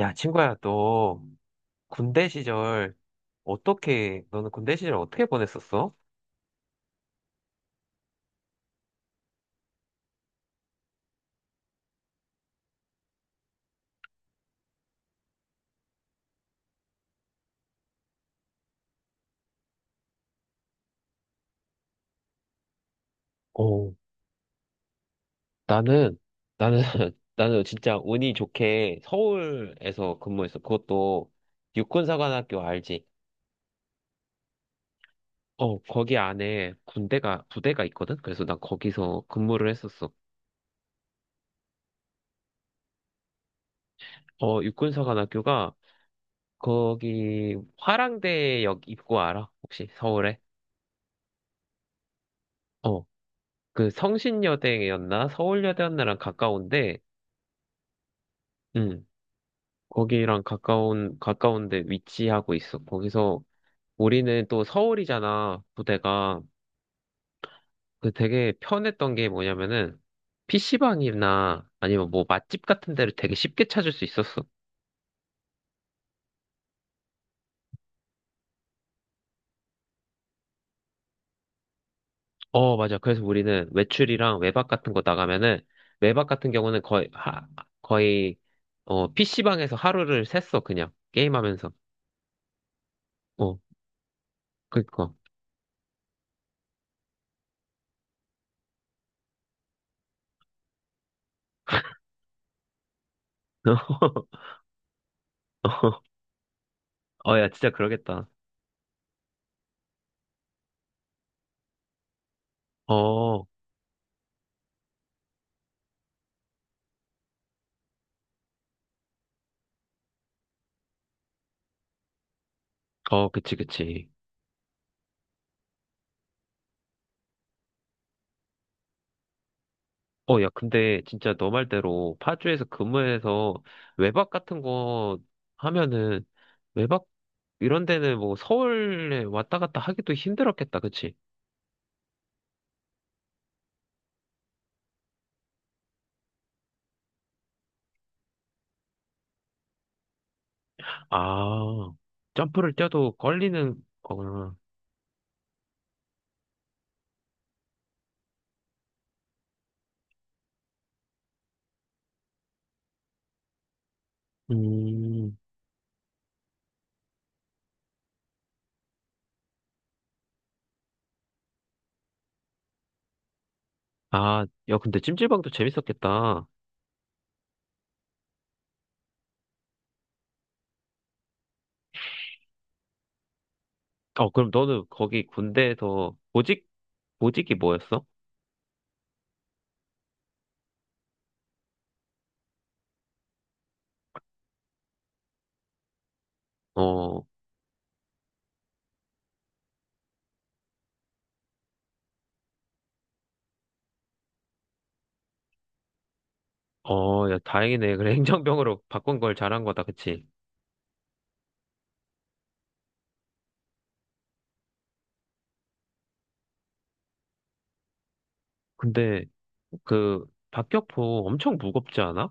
야, 친구야, 너 군대 시절 어떻게, 너는 군대 시절 어떻게 보냈었어? 어, 나는, 나는, 나는 진짜 운이 좋게 서울에서 근무했어. 그것도 육군사관학교 알지? 어, 거기 안에 부대가 있거든? 그래서 난 거기서 근무를 했었어. 어, 육군사관학교가 거기 화랑대역 입구 알아? 혹시 서울에? 어, 그 성신여대였나? 서울여대였나랑 가까운데, 음, 거기랑 가까운데 위치하고 있어. 거기서 우리는 또 서울이잖아, 부대가. 그 되게 편했던 게 뭐냐면은, PC방이나 아니면 뭐 맛집 같은 데를 되게 쉽게 찾을 수 있었어. 어, 맞아. 그래서 우리는 외출이랑 외박 같은 거 나가면은, 외박 같은 경우는 거의, 어, PC방에서 하루를 샜어, 그냥. 게임하면서. 어, 그니까. 어, 야, 진짜 그러겠다. 어, 어, 그치. 어, 야, 근데 진짜 너 말대로 파주에서 근무해서 외박 같은 거 하면은 외박 이런 데는 뭐 서울에 왔다 갔다 하기도 힘들었겠다, 그치? 아, 점프를 뛰어도 걸리는 거구나. 음, 아, 야, 근데 찜질방도 재밌었겠다. 어, 그럼 너는 거기 군대에서 보직이 뭐였어? 어, 어, 야, 다행이네. 그래, 행정병으로 바꾼 걸 잘한 거다, 그치? 근데 그 박격포 엄청 무겁지 않아?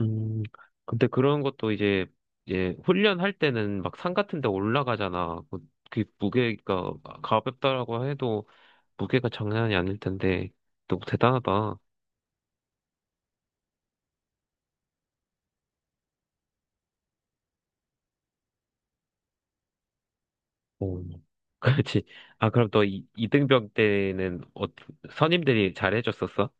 음, 근데 그런 것도 이제 훈련할 때는 막 산 같은 데 올라가잖아. 그 무게가 가볍다라고 해도 무게가 장난이 아닐 텐데 너무 대단하다. 오, 그렇지. 아, 그럼 너 이등병 때는 어, 선임들이 잘해줬었어?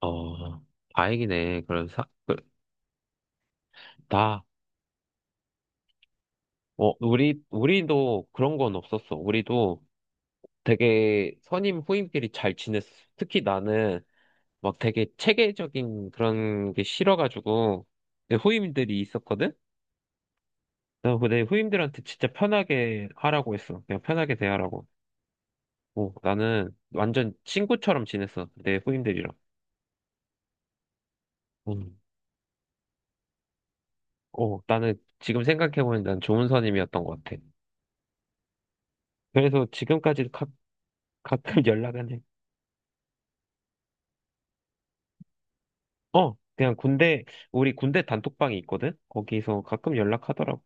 어, 다행이네. 나, 어, 우리도 그런 건 없었어. 우리도 되게 선임 후임끼리 잘 지냈어. 특히 나는 막 되게 체계적인 그런 게 싫어가지고 내 후임들이 있었거든? 그래서 내 후임들한테 진짜 편하게 하라고 했어. 그냥 편하게 대하라고. 어, 나는 완전 친구처럼 지냈어. 내 후임들이랑. 음. 어, 나는 지금 생각해보니 난 좋은 선임이었던 것 같아. 그래서 지금까지도 가끔 연락은 해. 어, 우리 군대 단톡방이 있거든? 거기서 가끔 연락하더라고.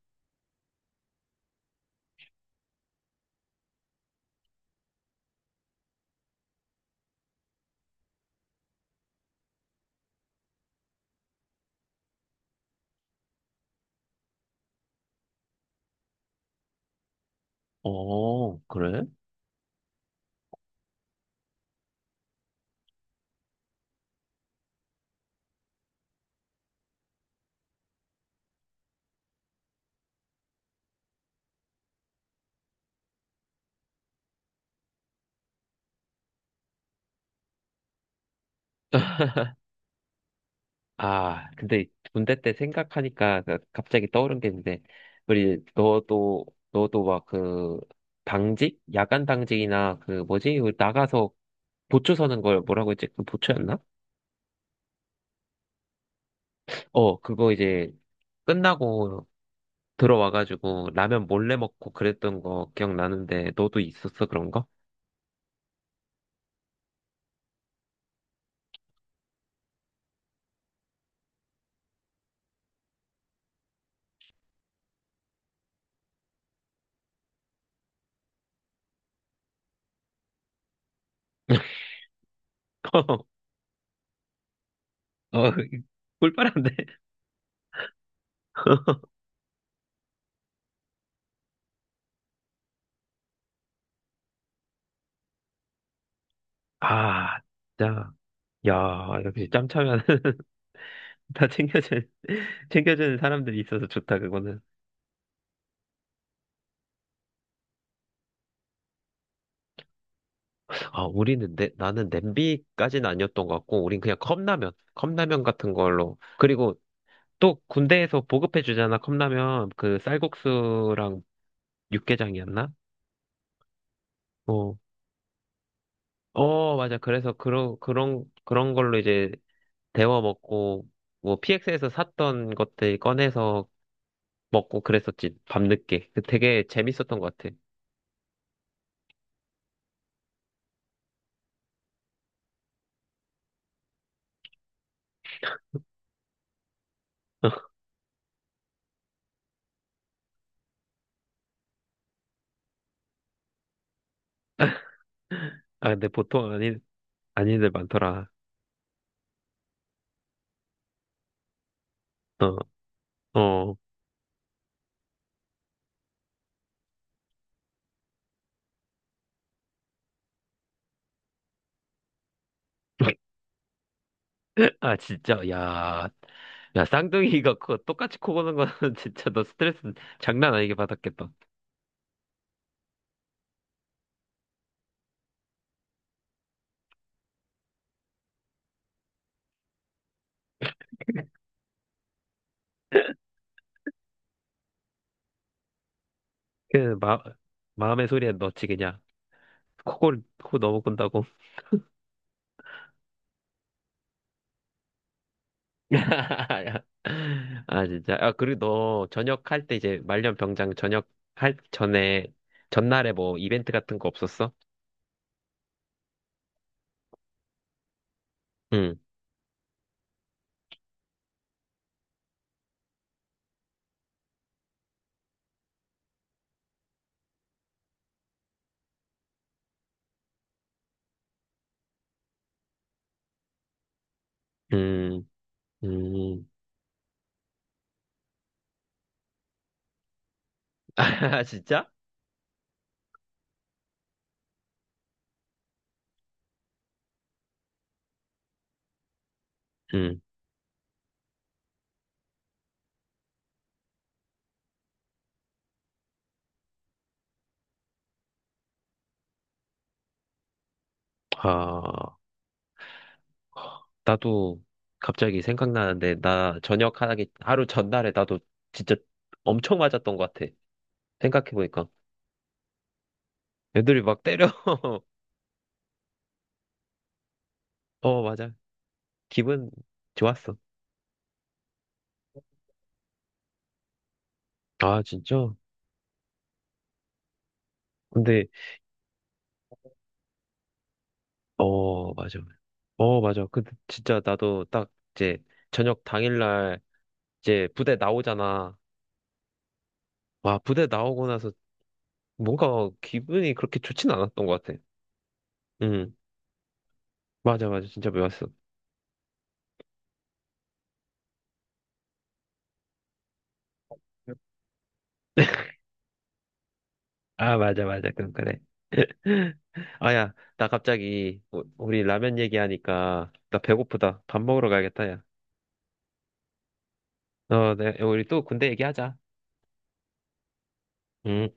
어, 그래? 아, 근데 군대 때 생각하니까 갑자기 떠오른 게 있는데, 우리 너도 막 그 당직, 야간 당직이나 그 뭐지? 그 나가서 보초 서는 걸 뭐라고 했지? 그 보초였나? 어, 그거 이제 끝나고 들어와가지고 라면 몰래 먹고 그랬던 거 기억나는데, 너도 있었어 그런 거? 어, 꿀빨한데. 아, 진짜. 야, 역시 짬차면. 다 챙겨주는 사람들이 있어서 좋다, 그거는. 아, 우리는 나는 냄비까지는 아니었던 것 같고, 우린 그냥 컵라면 같은 걸로. 그리고 또 군대에서 보급해 주잖아, 컵라면. 그 쌀국수랑 육개장이었나? 어, 어, 맞아. 그래서 그런 걸로 이제 데워 먹고, 뭐 PX에서 샀던 것들 꺼내서 먹고 그랬었지, 밤늦게. 그 되게 재밌었던 것 같아. 아, 근데 아닌들 많더라. 어, 어. 아, 진짜, 야. 야, 쌍둥이가 그 똑같이 코 보는 거는 진짜 너 스트레스 장난 아니게 받았겠다. 그, 마, 마음의 소리에 넣지, 그냥. 코 너무 꾼다고. 아, 진짜. 아, 그리고 너 전역할 때 이제 말년병장 전역할 전에, 전날에 뭐 이벤트 같은 거 없었어? 응, 음, 음. 아, 진짜? 응. 아. 나도 갑자기 생각나는데, 나 하루 전날에 나도 진짜 엄청 맞았던 것 같아. 생각해보니까. 애들이 막 때려. 어, 맞아. 기분 좋았어. 아, 진짜? 근데, 어, 맞아. 어, 맞아. 근데 진짜 나도 딱 이제 저녁 당일날 이제 부대 나오잖아. 와, 부대 나오고 나서 뭔가 기분이 그렇게 좋진 않았던 것 같아. 응, 맞아. 진짜 배웠어. 아, 맞아. 그럼 그래. 아, 야, 나 우리 라면 얘기하니까, 나 배고프다. 밥 먹으러 가야겠다, 야. 어, 네, 우리 또 군대 얘기하자. 음.